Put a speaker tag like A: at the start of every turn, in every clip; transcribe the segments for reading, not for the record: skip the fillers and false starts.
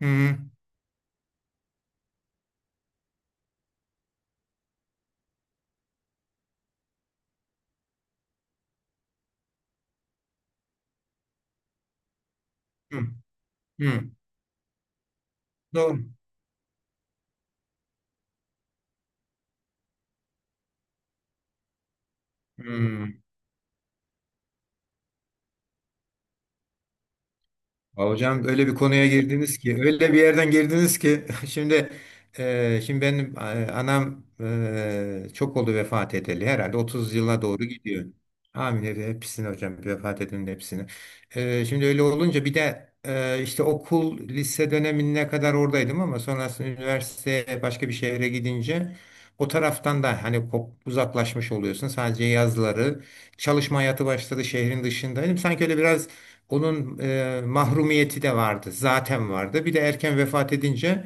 A: Hı hı. Hı. Doğru. Hı. Ya hocam, öyle bir konuya girdiniz ki, öyle bir yerden girdiniz ki şimdi benim anam, çok oldu vefat edeli, herhalde 30 yıla doğru gidiyor. Amin, hepsini hocam, vefat edenin hepsini. Şimdi öyle olunca bir de işte okul, lise dönemine kadar oradaydım ama sonrasında üniversiteye başka bir şehre gidince o taraftan da hani uzaklaşmış oluyorsun. Sadece yazları çalışma hayatı başladı, şehrin dışındaydım. Sanki öyle biraz onun mahrumiyeti de vardı, zaten vardı. Bir de erken vefat edince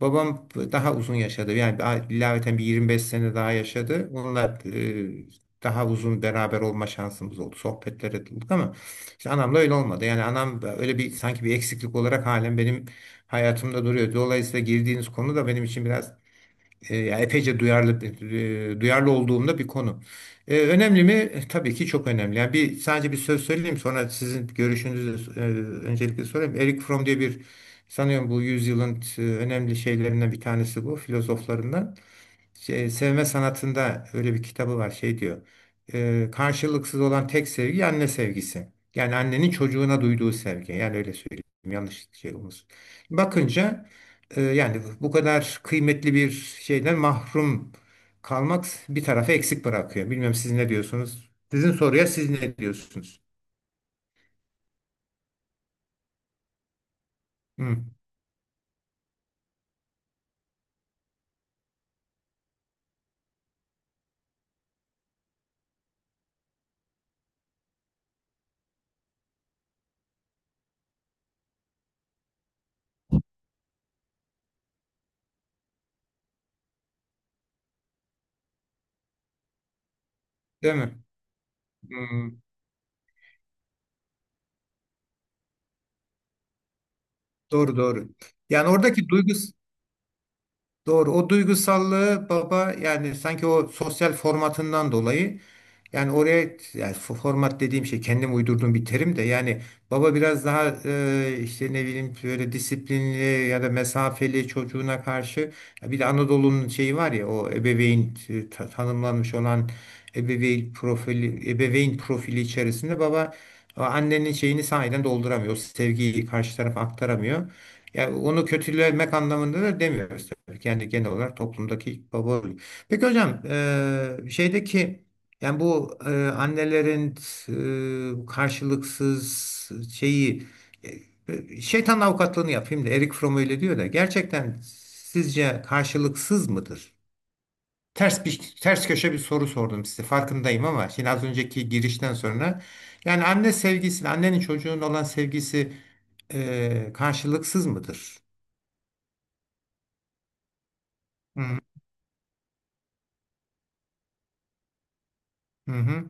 A: babam daha uzun yaşadı. Yani ilaveten bir 25 sene daha yaşadı. Onunla daha uzun beraber olma şansımız oldu. Sohbetlere ettik ama işte anamla öyle olmadı. Yani anam öyle bir sanki bir eksiklik olarak halen benim hayatımda duruyor. Dolayısıyla girdiğiniz konu da benim için biraz yani epeyce duyarlı olduğumda bir konu. Önemli mi? Tabii ki çok önemli. Yani bir, sadece bir söz söyleyeyim sonra sizin görüşünüzü öncelikle sorayım. Eric Fromm diye bir, sanıyorum bu yüzyılın önemli şeylerinden bir tanesi, bu filozoflarından. Şey, sevme sanatında öyle bir kitabı var, şey diyor. Karşılıksız olan tek sevgi anne sevgisi. Yani annenin çocuğuna duyduğu sevgi. Yani öyle söyleyeyim. Yanlış şey olmasın. Bakınca yani bu kadar kıymetli bir şeyden mahrum kalmak bir tarafı eksik bırakıyor. Bilmem siz ne diyorsunuz? Sizin soruya siz ne diyorsunuz? Hı, değil mi? Hı, doğru doğru. Yani oradaki. Doğru. O duygusallığı baba, yani sanki o sosyal formatından dolayı, yani oraya, yani format dediğim şey kendim uydurduğum bir terim de, yani baba biraz daha işte ne bileyim böyle disiplinli ya da mesafeli, çocuğuna karşı. Ya bir de Anadolu'nun şeyi var ya, o ebeveyn tanımlanmış olan ebeveyn profili içerisinde baba o annenin şeyini sahiden dolduramıyor. O sevgiyi karşı tarafa aktaramıyor. Yani onu kötülemek anlamında da demiyoruz tabii. Kendi, genel olarak toplumdaki baba rolü. Peki hocam, şeydeki, yani bu annelerin karşılıksız şeyi, şeytan avukatlığını yapayım da, Erik Fromm öyle diyor da gerçekten sizce karşılıksız mıdır? Ters köşe bir soru sordum size, farkındayım, ama şimdi az önceki girişten sonra yani anne sevgisi, annenin çocuğun olan sevgisi karşılıksız mıdır? Hı hı. Hı hı.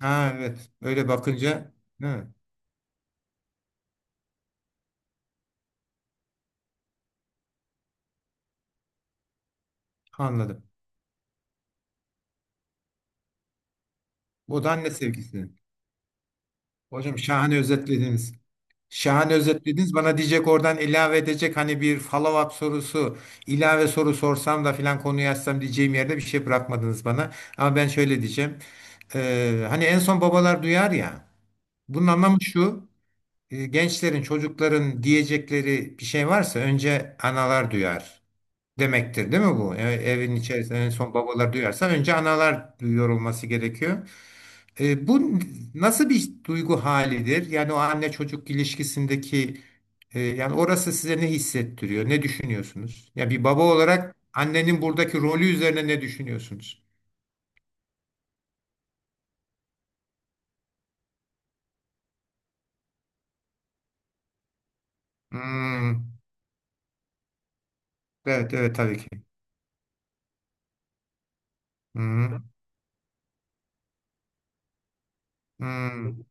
A: Ha, evet. Öyle bakınca, evet, anladım. O da anne sevgisi. Hocam, şahane özetlediniz. Şahane özetlediniz. Bana diyecek, oradan ilave edecek, hani bir follow-up sorusu, ilave soru sorsam da filan konuyu açsam diyeceğim yerde bir şey bırakmadınız bana. Ama ben şöyle diyeceğim. Hani en son babalar duyar ya. Bunun anlamı şu. Gençlerin, çocukların diyecekleri bir şey varsa önce analar duyar, demektir değil mi bu? Evin içerisinde en son babalar duyarsa önce analar duyuyor olması gerekiyor. Bu nasıl bir duygu halidir? Yani o anne çocuk ilişkisindeki, yani orası size ne hissettiriyor? Ne düşünüyorsunuz? Ya, bir baba olarak annenin buradaki rolü üzerine ne düşünüyorsunuz? Hmm. Evet, evet, tabii ki. Hmm. Hmm.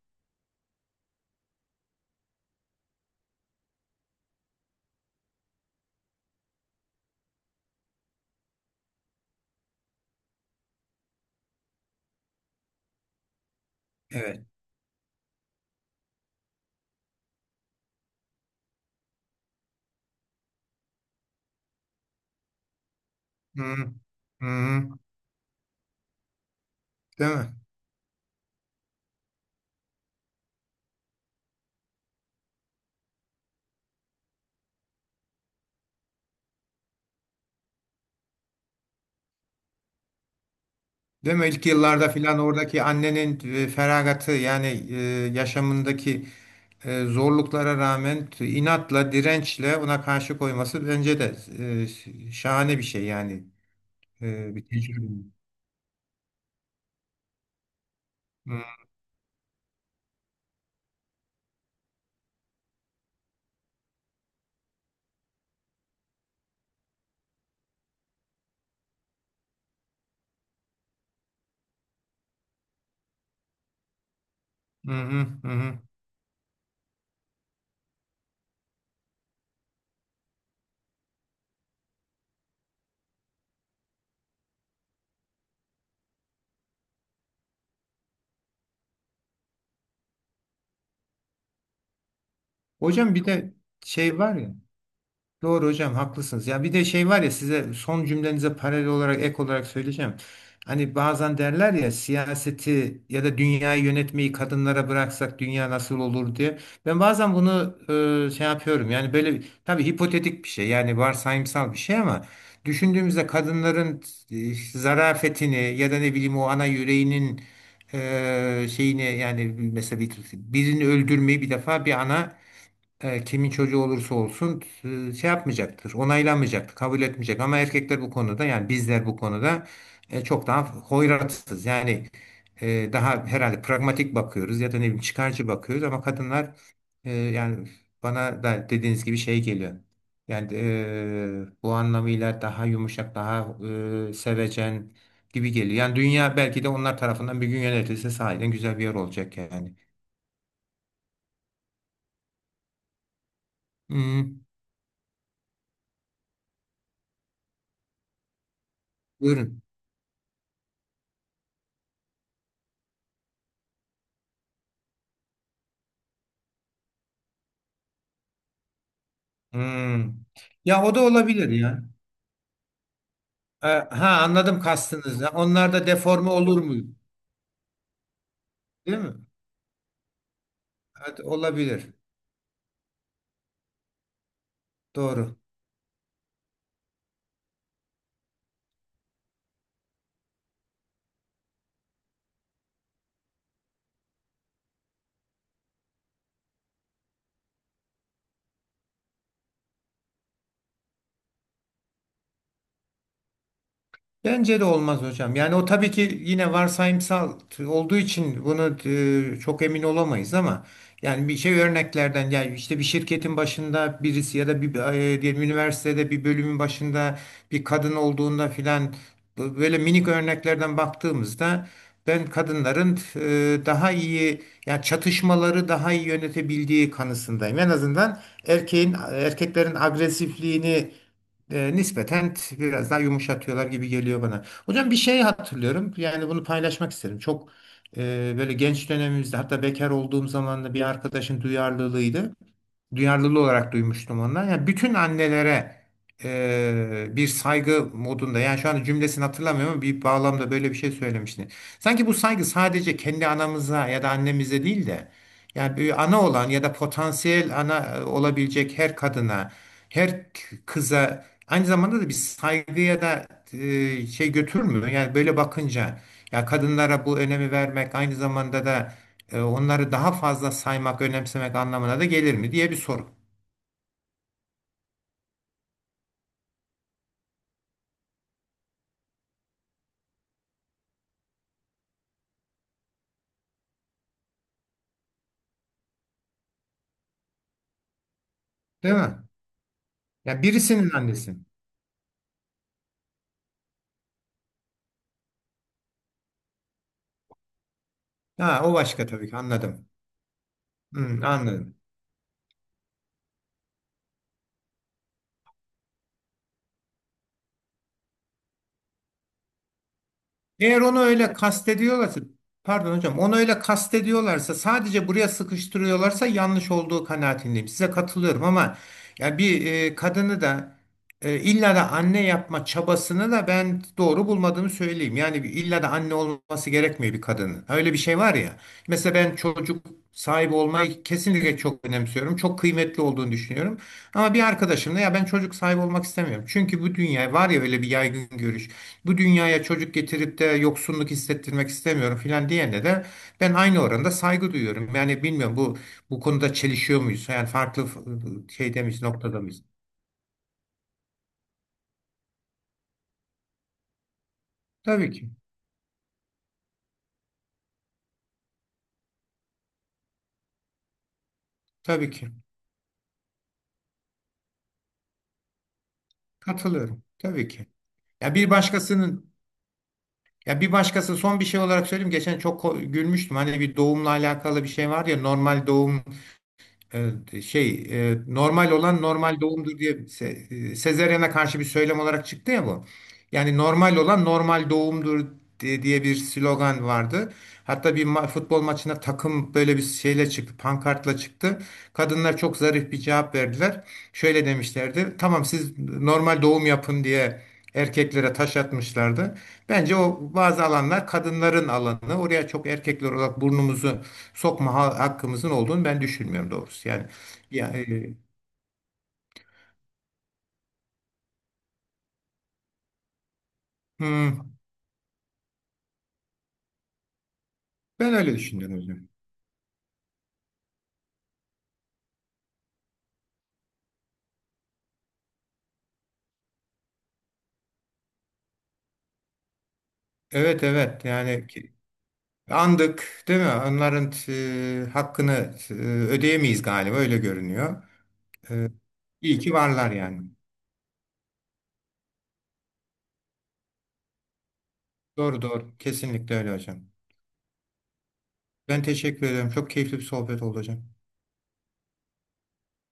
A: Evet. Hmm. Hmm. Değil mi? Değil mi? İlk yıllarda filan oradaki annenin feragatı, yani yaşamındaki zorluklara rağmen, inatla, dirençle, ona karşı koyması bence de şahane bir şey yani. Bir tecrübe. Hı hı hı. Hı. Hocam, bir de şey var ya. Doğru hocam, haklısınız. Ya bir de şey var ya, size son cümlenize paralel olarak, ek olarak söyleyeceğim. Hani bazen derler ya, siyaseti ya da dünyayı yönetmeyi kadınlara bıraksak dünya nasıl olur diye. Ben bazen bunu şey yapıyorum. Yani böyle tabii hipotetik bir şey, yani varsayımsal bir şey, ama düşündüğümüzde kadınların zarafetini ya da ne bileyim o ana yüreğinin şeyini, yani mesela birini öldürmeyi bir defa bir ana, kimin çocuğu olursa olsun, şey yapmayacaktır, onaylanmayacaktır, kabul etmeyecek. Ama erkekler bu konuda, yani bizler bu konuda çok daha hoyratsız. Yani daha herhalde pragmatik bakıyoruz ya da ne bileyim çıkarcı bakıyoruz, ama kadınlar, yani bana da dediğiniz gibi şey geliyor. Yani bu anlamıyla daha yumuşak, daha sevecen gibi geliyor. Yani dünya belki de onlar tarafından bir gün yönetilse sahiden güzel bir yer olacak yani. Hmm, buyurun. Hmm. Ya o da olabilir ya. Ha anladım kastınızı. Onlar da deforme olur mu? Değil mi? Evet, olabilir. Doğru. Bence de olmaz hocam. Yani o tabii ki, yine varsayımsal olduğu için bunu çok emin olamayız ama yani bir şey, örneklerden, yani işte bir şirketin başında birisi ya da bir, diyelim üniversitede bir bölümün başında bir kadın olduğunda filan, böyle minik örneklerden baktığımızda, ben kadınların daha iyi, yani çatışmaları daha iyi yönetebildiği kanısındayım. En azından erkeğin, erkeklerin agresifliğini nispeten biraz daha yumuşatıyorlar gibi geliyor bana. Hocam, bir şey hatırlıyorum. Yani bunu paylaşmak isterim. Çok böyle genç dönemimizde, hatta bekar olduğum zaman da, bir arkadaşın duyarlılığı olarak duymuştum ondan. Yani bütün annelere bir saygı modunda, yani şu anda cümlesini hatırlamıyorum ama bir bağlamda böyle bir şey söylemişti. Sanki bu saygı sadece kendi anamıza ya da annemize değil de, yani bir ana olan ya da potansiyel ana olabilecek her kadına, her kıza aynı zamanda da bir saygı ya da şey götürmüyor. Yani böyle bakınca, ya kadınlara bu önemi vermek aynı zamanda da onları daha fazla saymak, önemsemek anlamına da gelir mi diye bir soru. Değil mi? Ya birisinin annesi. Ha, o başka, tabii ki anladım. Hı, anladım. Eğer onu öyle kastediyorlarsa, pardon hocam, onu öyle kastediyorlarsa, sadece buraya sıkıştırıyorlarsa yanlış olduğu kanaatindeyim. Size katılıyorum ama, ya bir kadını da illa da anne yapma çabasını da ben doğru bulmadığımı söyleyeyim. Yani bir, illa da anne olması gerekmiyor bir kadının. Öyle bir şey var ya. Mesela ben çocuk sahibi olmayı kesinlikle çok önemsiyorum. Çok kıymetli olduğunu düşünüyorum. Ama bir arkadaşımla, ya ben çocuk sahibi olmak istemiyorum, çünkü bu dünya var ya, öyle bir yaygın görüş, bu dünyaya çocuk getirip de yoksunluk hissettirmek istemiyorum filan diyene de ben aynı oranda saygı duyuyorum. Yani bilmiyorum, bu konuda çelişiyor muyuz? Yani farklı şeyde miyiz, noktada mıyız? Tabii ki. Tabii ki. Katılıyorum. Tabii ki. Ya bir başkasının, ya bir başkası, son bir şey olarak söyleyeyim. Geçen çok gülmüştüm. Hani bir doğumla alakalı bir şey var ya, normal doğum. Evet, şey normal olan normal doğumdur diye, sezaryene karşı bir söylem olarak çıktı ya bu. Yani normal olan normal doğumdur diye bir slogan vardı. Hatta bir futbol maçına takım böyle bir şeyle çıktı, pankartla çıktı. Kadınlar çok zarif bir cevap verdiler. Şöyle demişlerdi. Tamam, siz normal doğum yapın diye erkeklere taş atmışlardı. Bence o, bazı alanlar kadınların alanı. Oraya çok, erkekler olarak, burnumuzu sokma hakkımızın olduğunu ben düşünmüyorum doğrusu. Yani hmm, ben öyle düşünüyorum hocam. Evet, evet, yani andık değil mi? Onların hakkını ödeyemeyiz galiba, öyle görünüyor. E, iyi ki varlar yani. Doğru doğru kesinlikle öyle hocam. Ben teşekkür ederim. Çok keyifli bir sohbet oldu hocam.